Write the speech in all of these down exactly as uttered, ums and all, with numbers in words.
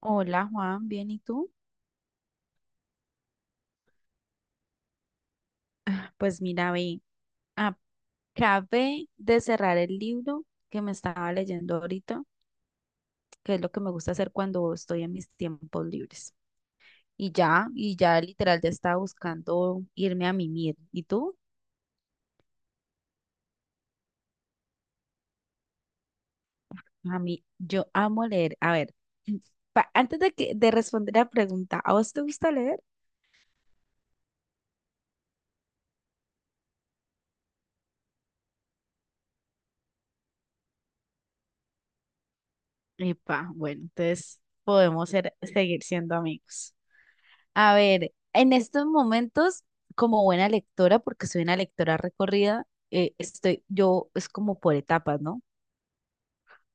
Hola Juan, ¿bien y tú? Ah, Pues mira, ve, acabé de cerrar el libro que me estaba leyendo ahorita, que es lo que me gusta hacer cuando estoy en mis tiempos libres. Y ya, y ya literal ya estaba buscando irme a mimir. ¿Y tú? A mí, yo amo leer. A ver, pa- antes de que de responder la pregunta, ¿a vos te gusta leer? Epa, bueno, entonces podemos ser- seguir siendo amigos. A ver, en estos momentos, como buena lectora, porque soy una lectora recorrida, eh, estoy, yo es como por etapas, ¿no?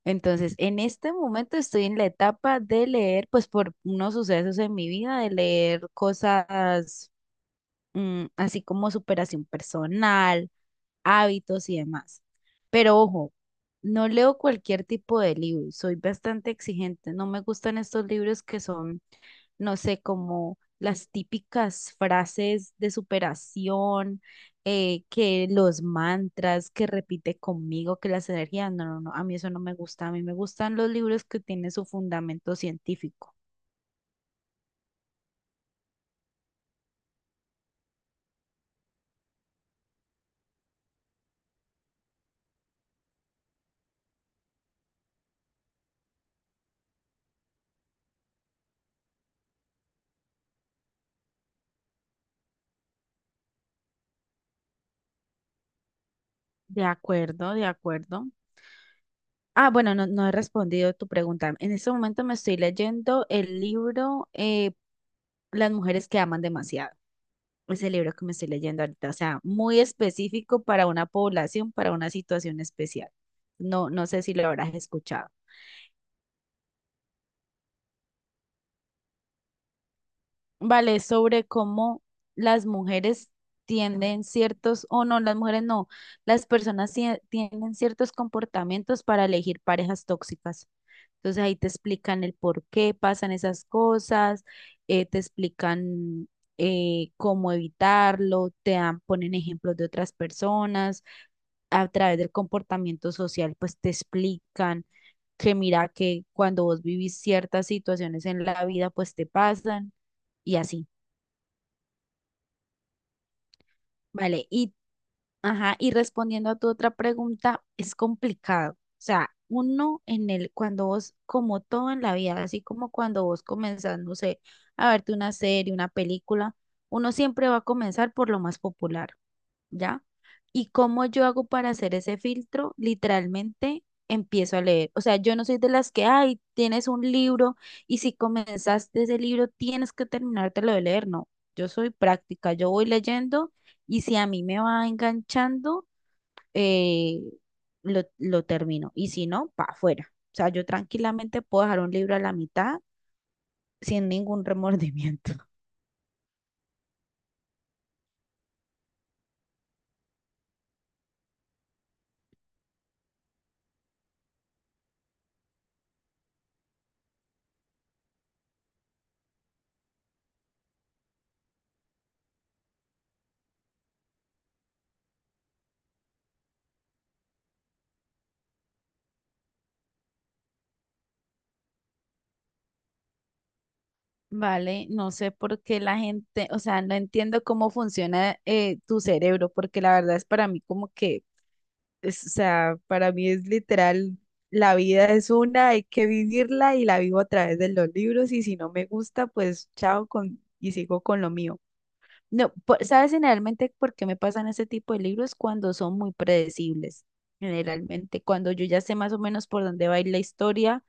Entonces, en este momento estoy en la etapa de leer, pues por unos sucesos en mi vida, de leer cosas mm, así como superación personal, hábitos y demás. Pero ojo, no leo cualquier tipo de libro, soy bastante exigente, no me gustan estos libros que son no sé, como las típicas frases de superación, eh, que los mantras que repite conmigo, que las energías, no, no, no, a mí eso no me gusta, a mí me gustan los libros que tienen su fundamento científico. De acuerdo, de acuerdo. Ah, bueno, no, no he respondido tu pregunta. En este momento me estoy leyendo el libro eh, Las mujeres que aman demasiado. Ese libro que me estoy leyendo ahorita, o sea, muy específico para una población, para una situación especial. No, no sé si lo habrás escuchado. Vale, es sobre cómo las mujeres tienden ciertos, o no, las mujeres no, las personas tie- tienen ciertos comportamientos para elegir parejas tóxicas. Entonces ahí te explican el por qué pasan esas cosas, eh, te explican eh, cómo evitarlo, te dan- ponen ejemplos de otras personas a través del comportamiento social, pues te explican que mira que cuando vos vivís ciertas situaciones en la vida, pues te pasan y así, ¿vale? Y, ajá, y respondiendo a tu otra pregunta, es complicado. O sea, uno en el, cuando vos, como todo en la vida, así como cuando vos comenzás, no sé, a verte una serie, una película, uno siempre va a comenzar por lo más popular. ¿Ya? ¿Y cómo yo hago para hacer ese filtro? Literalmente empiezo a leer. O sea, yo no soy de las que, ay, tienes un libro y si comenzaste ese libro tienes que terminártelo de leer. No, yo soy práctica, yo voy leyendo y si a mí me va enganchando, eh, lo, lo termino. Y si no, para afuera. O sea, yo tranquilamente puedo dejar un libro a la mitad sin ningún remordimiento. Vale, no sé por qué la gente, o sea, no entiendo cómo funciona eh, tu cerebro, porque la verdad es para mí como que, es- o sea, para mí es literal, la vida es una, hay que vivirla y la vivo a través de los libros y si no me gusta, pues chao con, y sigo con lo mío. No, por- ¿sabes generalmente por qué me pasan ese tipo de libros? Cuando son muy predecibles, generalmente, cuando yo ya sé más o menos por dónde va a ir la historia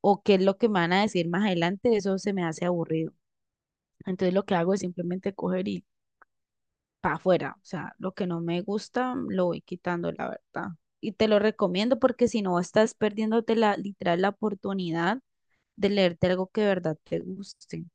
o qué es lo que me van a decir más adelante, eso se me hace aburrido. Entonces lo que hago es simplemente coger y para afuera. O sea, lo que no me gusta mm, lo voy quitando, la verdad. Y te lo recomiendo porque si no estás perdiéndote la, literal, la oportunidad de leerte algo que de verdad te guste.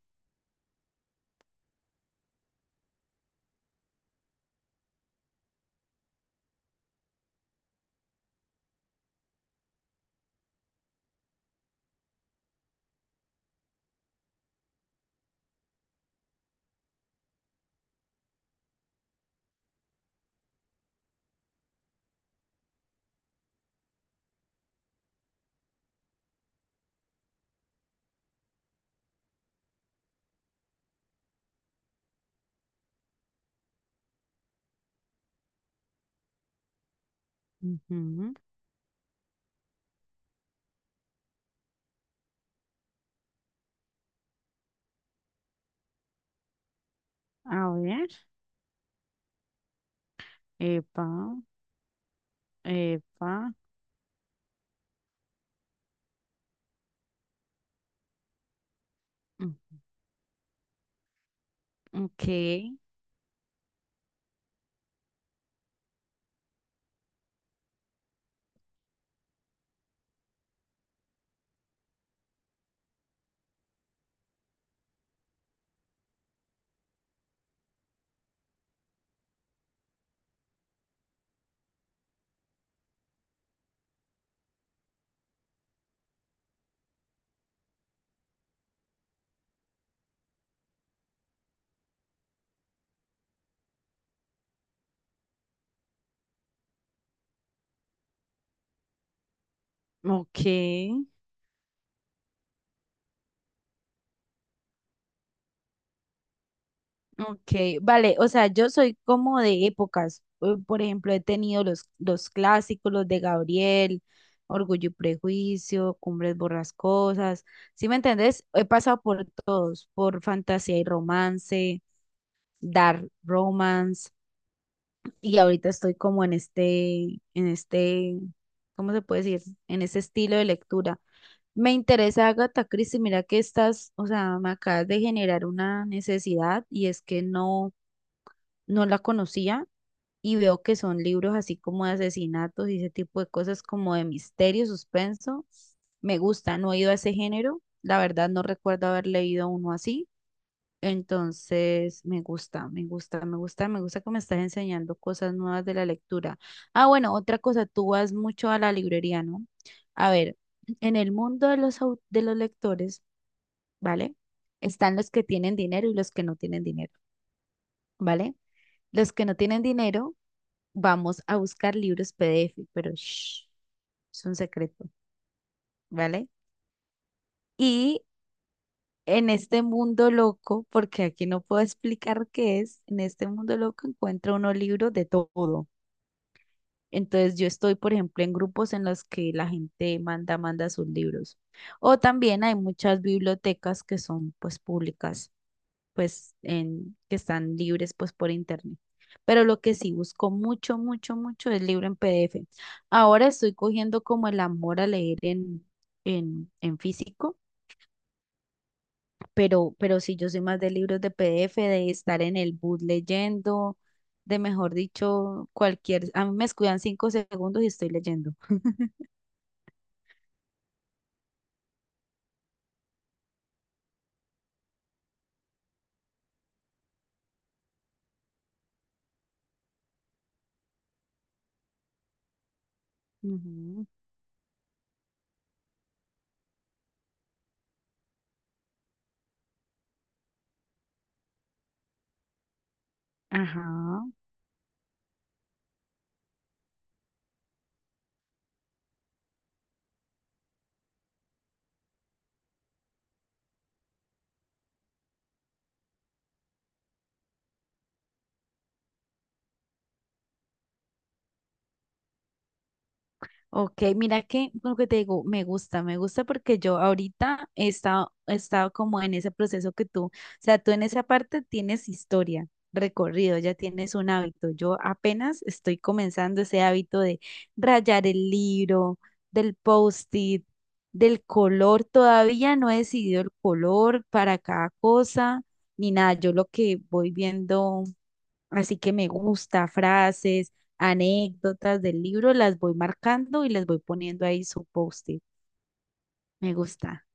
Ujú. A ver. Epa, epa. mm, Ok, ok. Ok, vale, o sea, yo soy como de épocas. eh, Por ejemplo, he tenido los, los clásicos, los de Gabriel, Orgullo y Prejuicio, Cumbres Borrascosas. ¿Sí me entendés? He pasado por todos, por fantasía y romance, dark romance, y ahorita estoy como en este, en este, ¿cómo se puede decir? En ese estilo de lectura. Me interesa Agatha Christie, mira que estás, o sea, me acabas de generar una necesidad y es que no no la conocía y veo que son libros así como de asesinatos y ese tipo de cosas como de misterio, suspenso. Me gusta, no he ido a ese género. La verdad no recuerdo haber leído uno así. Entonces, me gusta, me gusta, me gusta, me gusta que me estás enseñando cosas nuevas de la lectura. Ah, bueno, otra cosa, tú vas mucho a la librería, ¿no? A ver, en el mundo de los, au- de los lectores, ¿vale? Están los que tienen dinero y los que no tienen dinero, ¿vale? Los que no tienen dinero vamos a buscar libros PDF, pero shh, es un secreto, ¿vale? Y en este mundo loco, porque aquí no puedo explicar qué es, en este mundo loco encuentra uno libro de todo. Entonces yo estoy, por ejemplo, en grupos en los que la gente manda, manda sus libros. O también hay muchas bibliotecas que son pues públicas pues en, que están libres pues por internet. Pero lo que sí busco mucho, mucho, mucho es libro en PDF. Ahora estoy cogiendo como el amor a leer en, en, en físico, pero, pero sí yo soy más de libros de PDF, de estar en el bus leyendo, de mejor dicho, cualquier, a mí me escudan cinco segundos y estoy leyendo. Ujú. Ajá. Ok, mira que lo que te digo, me gusta, me gusta porque yo ahorita he estado, he estado como en ese proceso que tú, o sea, tú en esa parte tienes historia, recorrido, ya tienes un hábito. Yo apenas estoy comenzando ese hábito de rayar el libro, del post-it, del color. Todavía no he decidido el color para cada cosa, ni nada. Yo lo que voy viendo. Así que me gusta, frases, anécdotas del libro, las voy marcando y les voy poniendo ahí su post-it. Me gusta.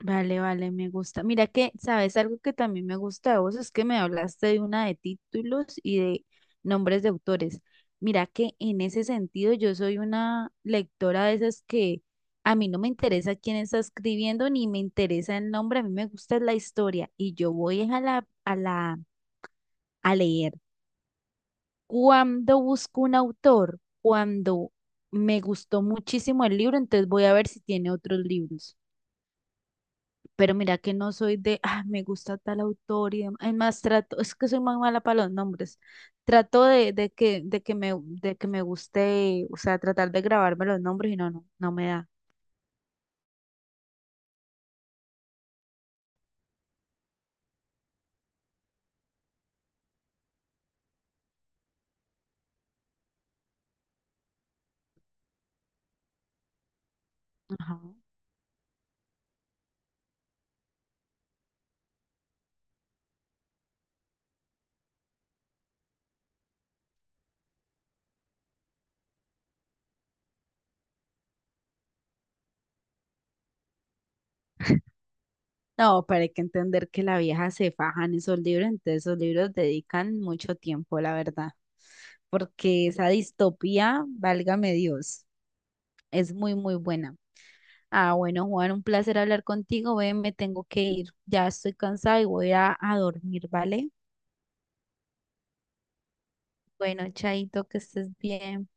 Vale, vale, me gusta. Mira que, ¿sabes algo que también me gusta de vos? Es que me hablaste de una de títulos y de nombres de autores. Mira que en ese sentido yo soy una lectora de esas que a mí no me interesa quién está escribiendo ni me interesa el nombre, a mí me gusta la historia y yo voy a la, a la, a leer. Cuando busco un autor, cuando me gustó muchísimo el libro, entonces voy a ver si tiene otros libros. Pero mira que no soy de, ah, me gusta tal autor y demás. Es más, trato, es que soy muy mala para los nombres. Trato de, de que, de que me, de que me guste, o sea, tratar de grabarme los nombres y no, no, no me da. Ajá. No, pero hay que entender que la vieja se faja en esos libros, entonces esos libros dedican mucho tiempo, la verdad. Porque esa distopía, válgame Dios. Es muy, muy buena. Ah, bueno, Juan, un placer hablar contigo. Ve, me tengo que ir. Ya estoy cansada y voy a, a dormir, ¿vale? Bueno, Chaito, que estés bien.